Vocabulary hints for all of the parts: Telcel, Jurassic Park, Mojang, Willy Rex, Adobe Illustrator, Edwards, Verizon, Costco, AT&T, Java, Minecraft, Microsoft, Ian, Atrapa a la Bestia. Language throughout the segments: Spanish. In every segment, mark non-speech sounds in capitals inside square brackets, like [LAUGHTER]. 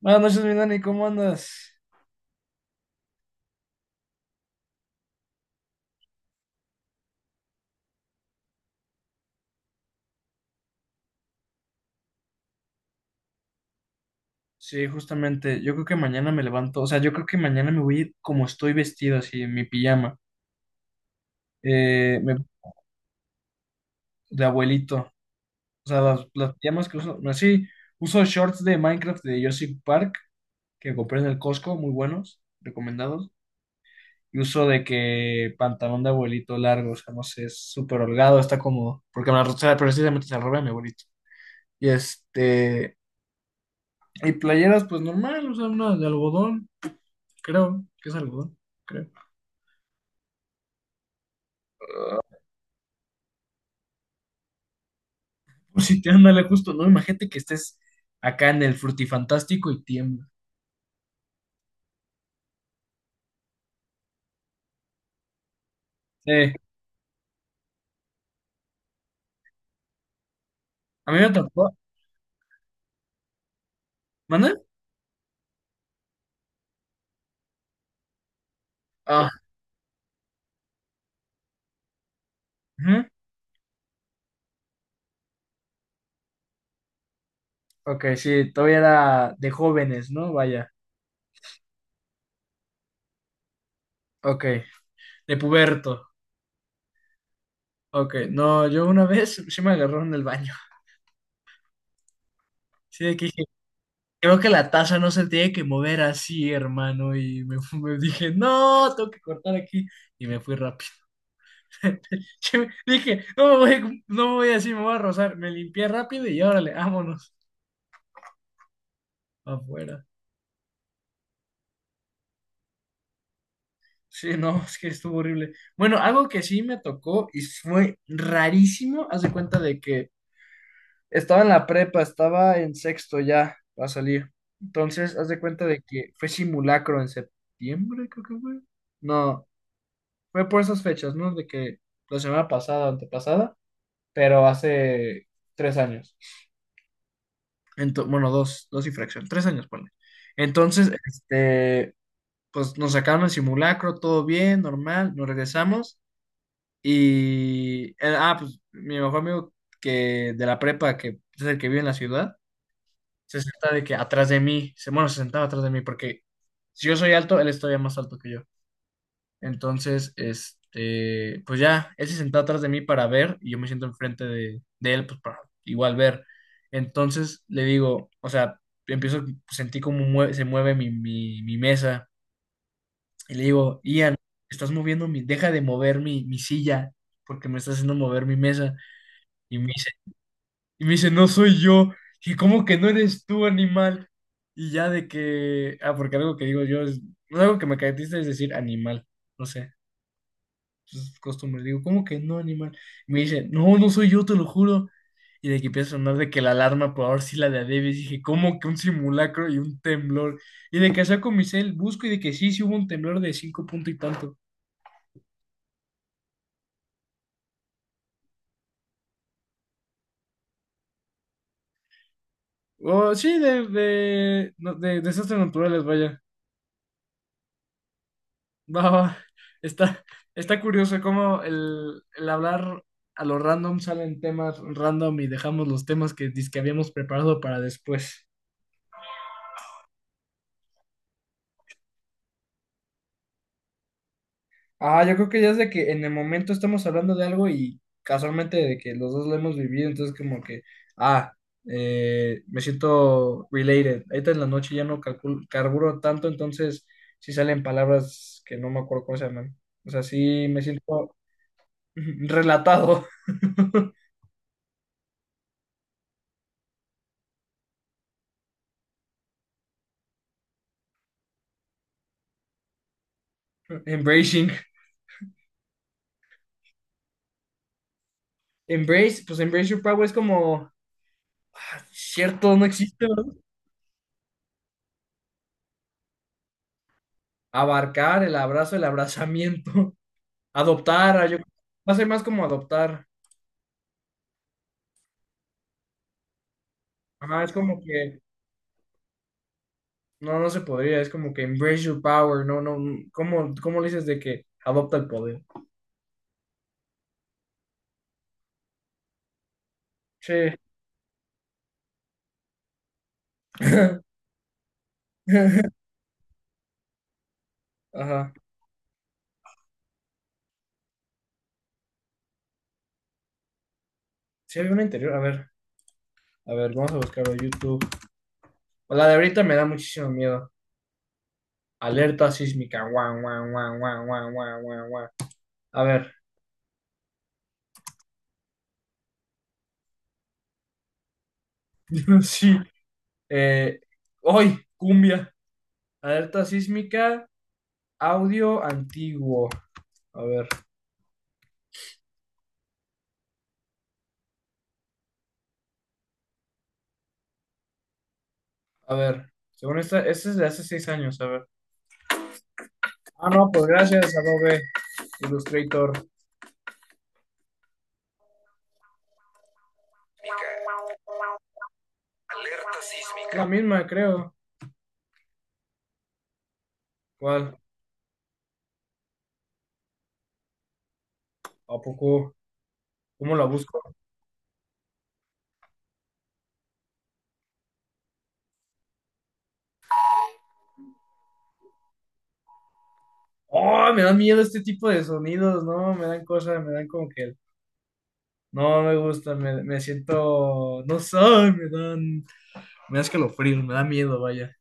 Buenas noches, mi Dani, ¿cómo andas? Sí, justamente, yo creo que mañana me levanto, o sea, yo creo que mañana me voy a ir como estoy vestido, así, en mi pijama, eh, me- de abuelito, o sea, las pijamas que uso, así, uso shorts de Minecraft de Jurassic Park, que compré en el Costco, muy buenos, recomendados, y uso de que pantalón de abuelito largo, o sea, no sé, es súper holgado, está cómodo, porque me la, o sea, precisamente se la robé a mi abuelito, y este, y playeras, pues normal, o sea, una de algodón, creo que es algodón, creo. Pues sí, te ándale justo, ¿no? Imagínate que estés acá en el frutifantástico y tiembla. Sí. A mí me tocó. ¿Manda? Ah, ujú. Ok, sí, todavía era de jóvenes, ¿no? Vaya. Ok. De puberto. Ok. No, yo una vez sí me agarró en el baño. Sí, de que dije, creo que la taza no se tiene que mover así, hermano. Me dije, no, tengo que cortar aquí. Y me fui rápido. [LAUGHS] Yo dije, no me voy, no me voy así, me voy a rozar. Me limpié rápido y órale, vámonos [LAUGHS] afuera. Sí, no, es que estuvo horrible. Bueno, algo que sí me tocó y fue rarísimo, haz de cuenta de que estaba en la prepa, estaba en sexto ya a salir. Entonces, haz de cuenta de que fue simulacro en septiembre, creo que fue. No, fue por esas fechas, ¿no? De que la semana pasada, antepasada, pero hace tres años. Bueno, dos y fracción, tres años, ponle. Entonces, pues nos sacaron el simulacro, todo bien, normal, nos regresamos y pues mi mejor amigo que de la prepa, que es el que vive en la ciudad, se senta de que atrás de mí, se, bueno, se sentaba atrás de mí porque si yo soy alto, él es todavía más alto que yo. Entonces, pues ya, él se sentó atrás de mí para ver y yo me siento enfrente de él, pues para igual ver. Entonces le digo, o sea, empiezo, se mueve mi mesa y le digo, Ian, estás moviendo mi, deja de mover mi silla porque me estás haciendo mover mi mesa. Y me dice, y me dice, no soy yo. Y cómo que no eres tú, animal. Y ya de que, ah, porque algo que digo yo es, algo que me caracteriza es decir animal, no sé. Sus costumbres. Digo, ¿cómo que no, animal? Y me dice, no, no soy yo, te lo juro. Y de que empieza a sonar de que la alarma, por ahora sí la de a Davis. Dije, ¿cómo que un simulacro y un temblor? Y de que saco mi cel, busco y de que sí, sí hubo un temblor de cinco punto y tanto. Oh, sí, no, de desastres naturales, vaya. Va, va. Está, está curioso cómo el hablar a lo random salen temas random y dejamos los temas que habíamos preparado para después. Ah, yo creo que ya es de que en el momento estamos hablando de algo y casualmente de que los dos lo hemos vivido, entonces como que, ah, me siento related. Ahorita en la noche ya no calculo, carburo tanto, entonces sí salen palabras que no me acuerdo cómo se llaman. O sea, sí me siento [LAUGHS] relatado. [LAUGHS] Embracing. Embrace, pues embrace your power es como, ah, cierto, no existe, ¿verdad? Abarcar, el abrazo, el abrazamiento. [LAUGHS] Adoptar, va a ser más como adoptar. Ajá, es como que, no, no se podría, es como que embrace your power, no, no, mm, ¿cómo, cómo le dices de que adopta el poder? Sí. [LAUGHS] Ajá. Sí, había una interior, a ver, vamos a buscarlo en YouTube. La de ahorita me da muchísimo miedo. Alerta sísmica, guau, guau, guau, guau, guau, guau, guau, guau. A ver, [LAUGHS] sí, eh, hoy, cumbia. Alerta sísmica, audio antiguo. A ver, a ver, según esta, este es de hace seis años, a ver. Ah, no, pues gracias, Adobe. Illustrator. La misma, creo. ¿Cuál? ¿A poco? ¿Cómo la busco? ¡Oh! Me dan miedo este tipo de sonidos, ¿no? Me dan cosas, me dan como que. No me gusta, me siento. No sé, me dan. Me da escalofrío, me da miedo, vaya.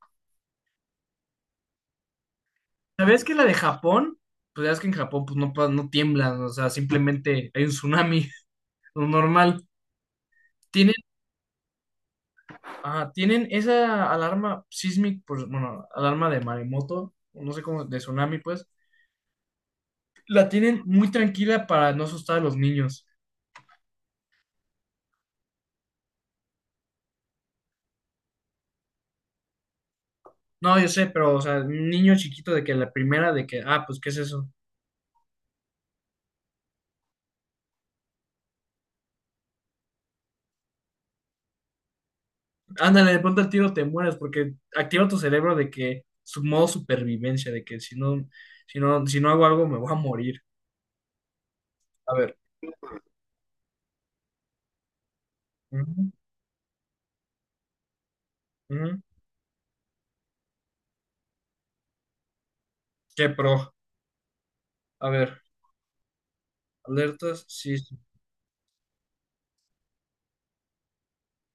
¿Sabías que la de Japón? Pues ya es que en Japón pues no, no tiemblan, o sea, simplemente hay un tsunami, [LAUGHS] lo normal. Tienen, tienen esa alarma sísmica, pues, bueno, alarma de maremoto, no sé cómo, de tsunami, pues, la tienen muy tranquila para no asustar a los niños. No, yo sé, pero, o sea, un niño chiquito de que la primera de que, ah, pues, ¿qué es eso? Ándale, de pronto al tiro te mueres porque activa tu cerebro de que su modo supervivencia, de que si no, si no hago algo me voy a morir. A ver. Ujú, ujú. Qué pro. A ver, alertas sísmicas.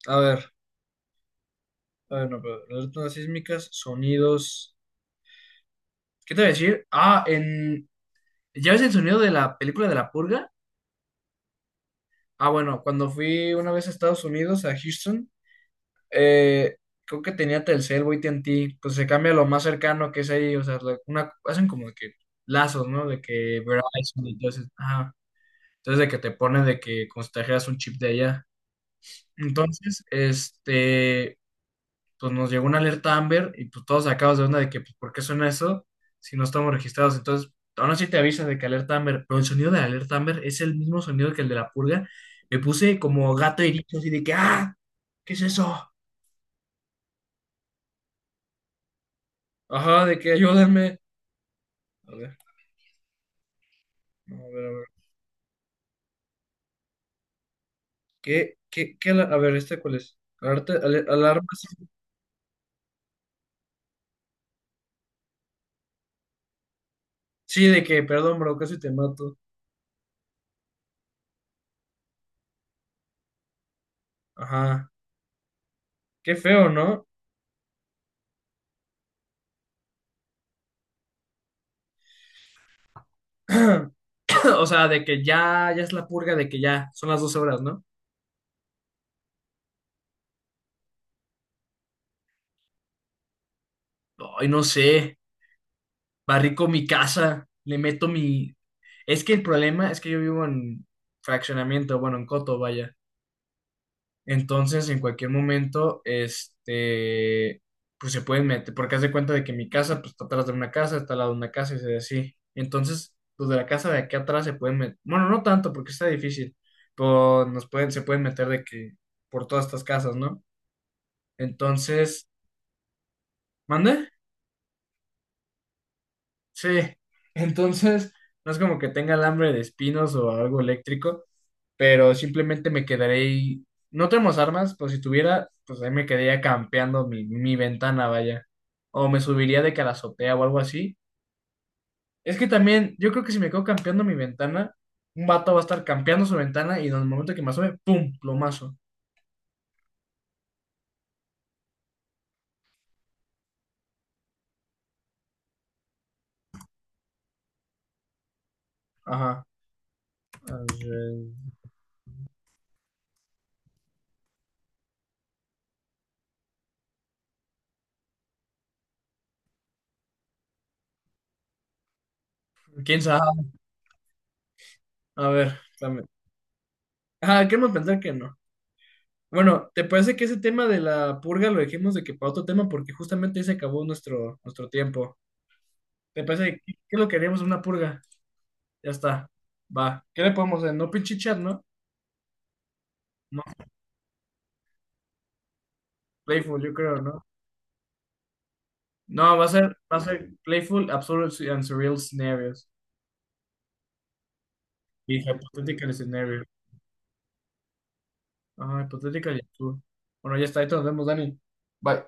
A ver, a ver, no, pero alertas sísmicas, sonidos. ¿Qué te voy a decir? Ah, en... ¿Ya ves el sonido de la película de la purga? Ah, bueno, cuando fui una vez a Estados Unidos, a Houston, eh, creo que tenía Telcel o AT&T, pues se cambia lo más cercano que es ahí, o sea, una, hacen como de que lazos, ¿no? De que Verizon, entonces, ajá, entonces de que te pone de que como si te trajeras un chip de allá. Entonces, pues nos llegó una alerta Amber y pues todos sacados de onda de que, pues, ¿por qué suena eso si no estamos registrados? Entonces, aún así te avisan de que alerta Amber, pero el sonido de la alerta Amber es el mismo sonido que el de la purga. Me puse como gato herido, así de que, ¡ah! ¿Qué es eso? Ajá, de que ayúdenme. A ver, no, a ver, a ver. A ver, ¿este cuál es? Alarma. Sí. Sí, de que, perdón, bro, casi te mato. Ajá. Qué feo, ¿no? [CLEARS THROAT] O sea, de que ya es la purga, de que ya son las 12 horas, ¿no? Ay, no sé. Barrico mi casa, le meto mi... Es que el problema es que yo vivo en fraccionamiento, bueno, en coto, vaya. Entonces, en cualquier momento, pues se pueden meter, porque haz de cuenta de que mi casa, pues está atrás de una casa, está al lado de una casa, y se así. Entonces, los de la casa de aquí atrás se pueden meter, bueno, no tanto, porque está difícil, pero nos pueden, se pueden meter de que por todas estas casas, ¿no? Entonces, ¿mande? Sí. [LAUGHS] Entonces, no es como que tenga alambre de espinos o algo eléctrico, pero simplemente me quedaré ahí. No tenemos armas, pues si tuviera, pues ahí me quedaría campeando mi ventana, vaya. O me subiría de que a la azotea o algo así. Es que también, yo creo que si me quedo campeando mi ventana, un vato va a estar campeando su ventana y en el momento que me asome, ¡pum! Plomazo. Ajá. A ver, ¿quién sabe? A ver, dame. Ajá, queremos pensar que no. Bueno, ¿te parece que ese tema de la purga lo dejemos de que para otro tema? Porque justamente ahí se acabó nuestro tiempo. ¿Te parece que qué es lo que haríamos en una purga? Ya está. Va. ¿Qué le podemos hacer? No pinche chat, ¿no? No, Playful, yo creo, ¿no? No, va a ser Playful, Absurd and Surreal Scenarios. Y Hypothetical Scenarios. Ah, Hypothetical y absurd. Bueno, ya está. Ahí te nos vemos, Dani. Bye.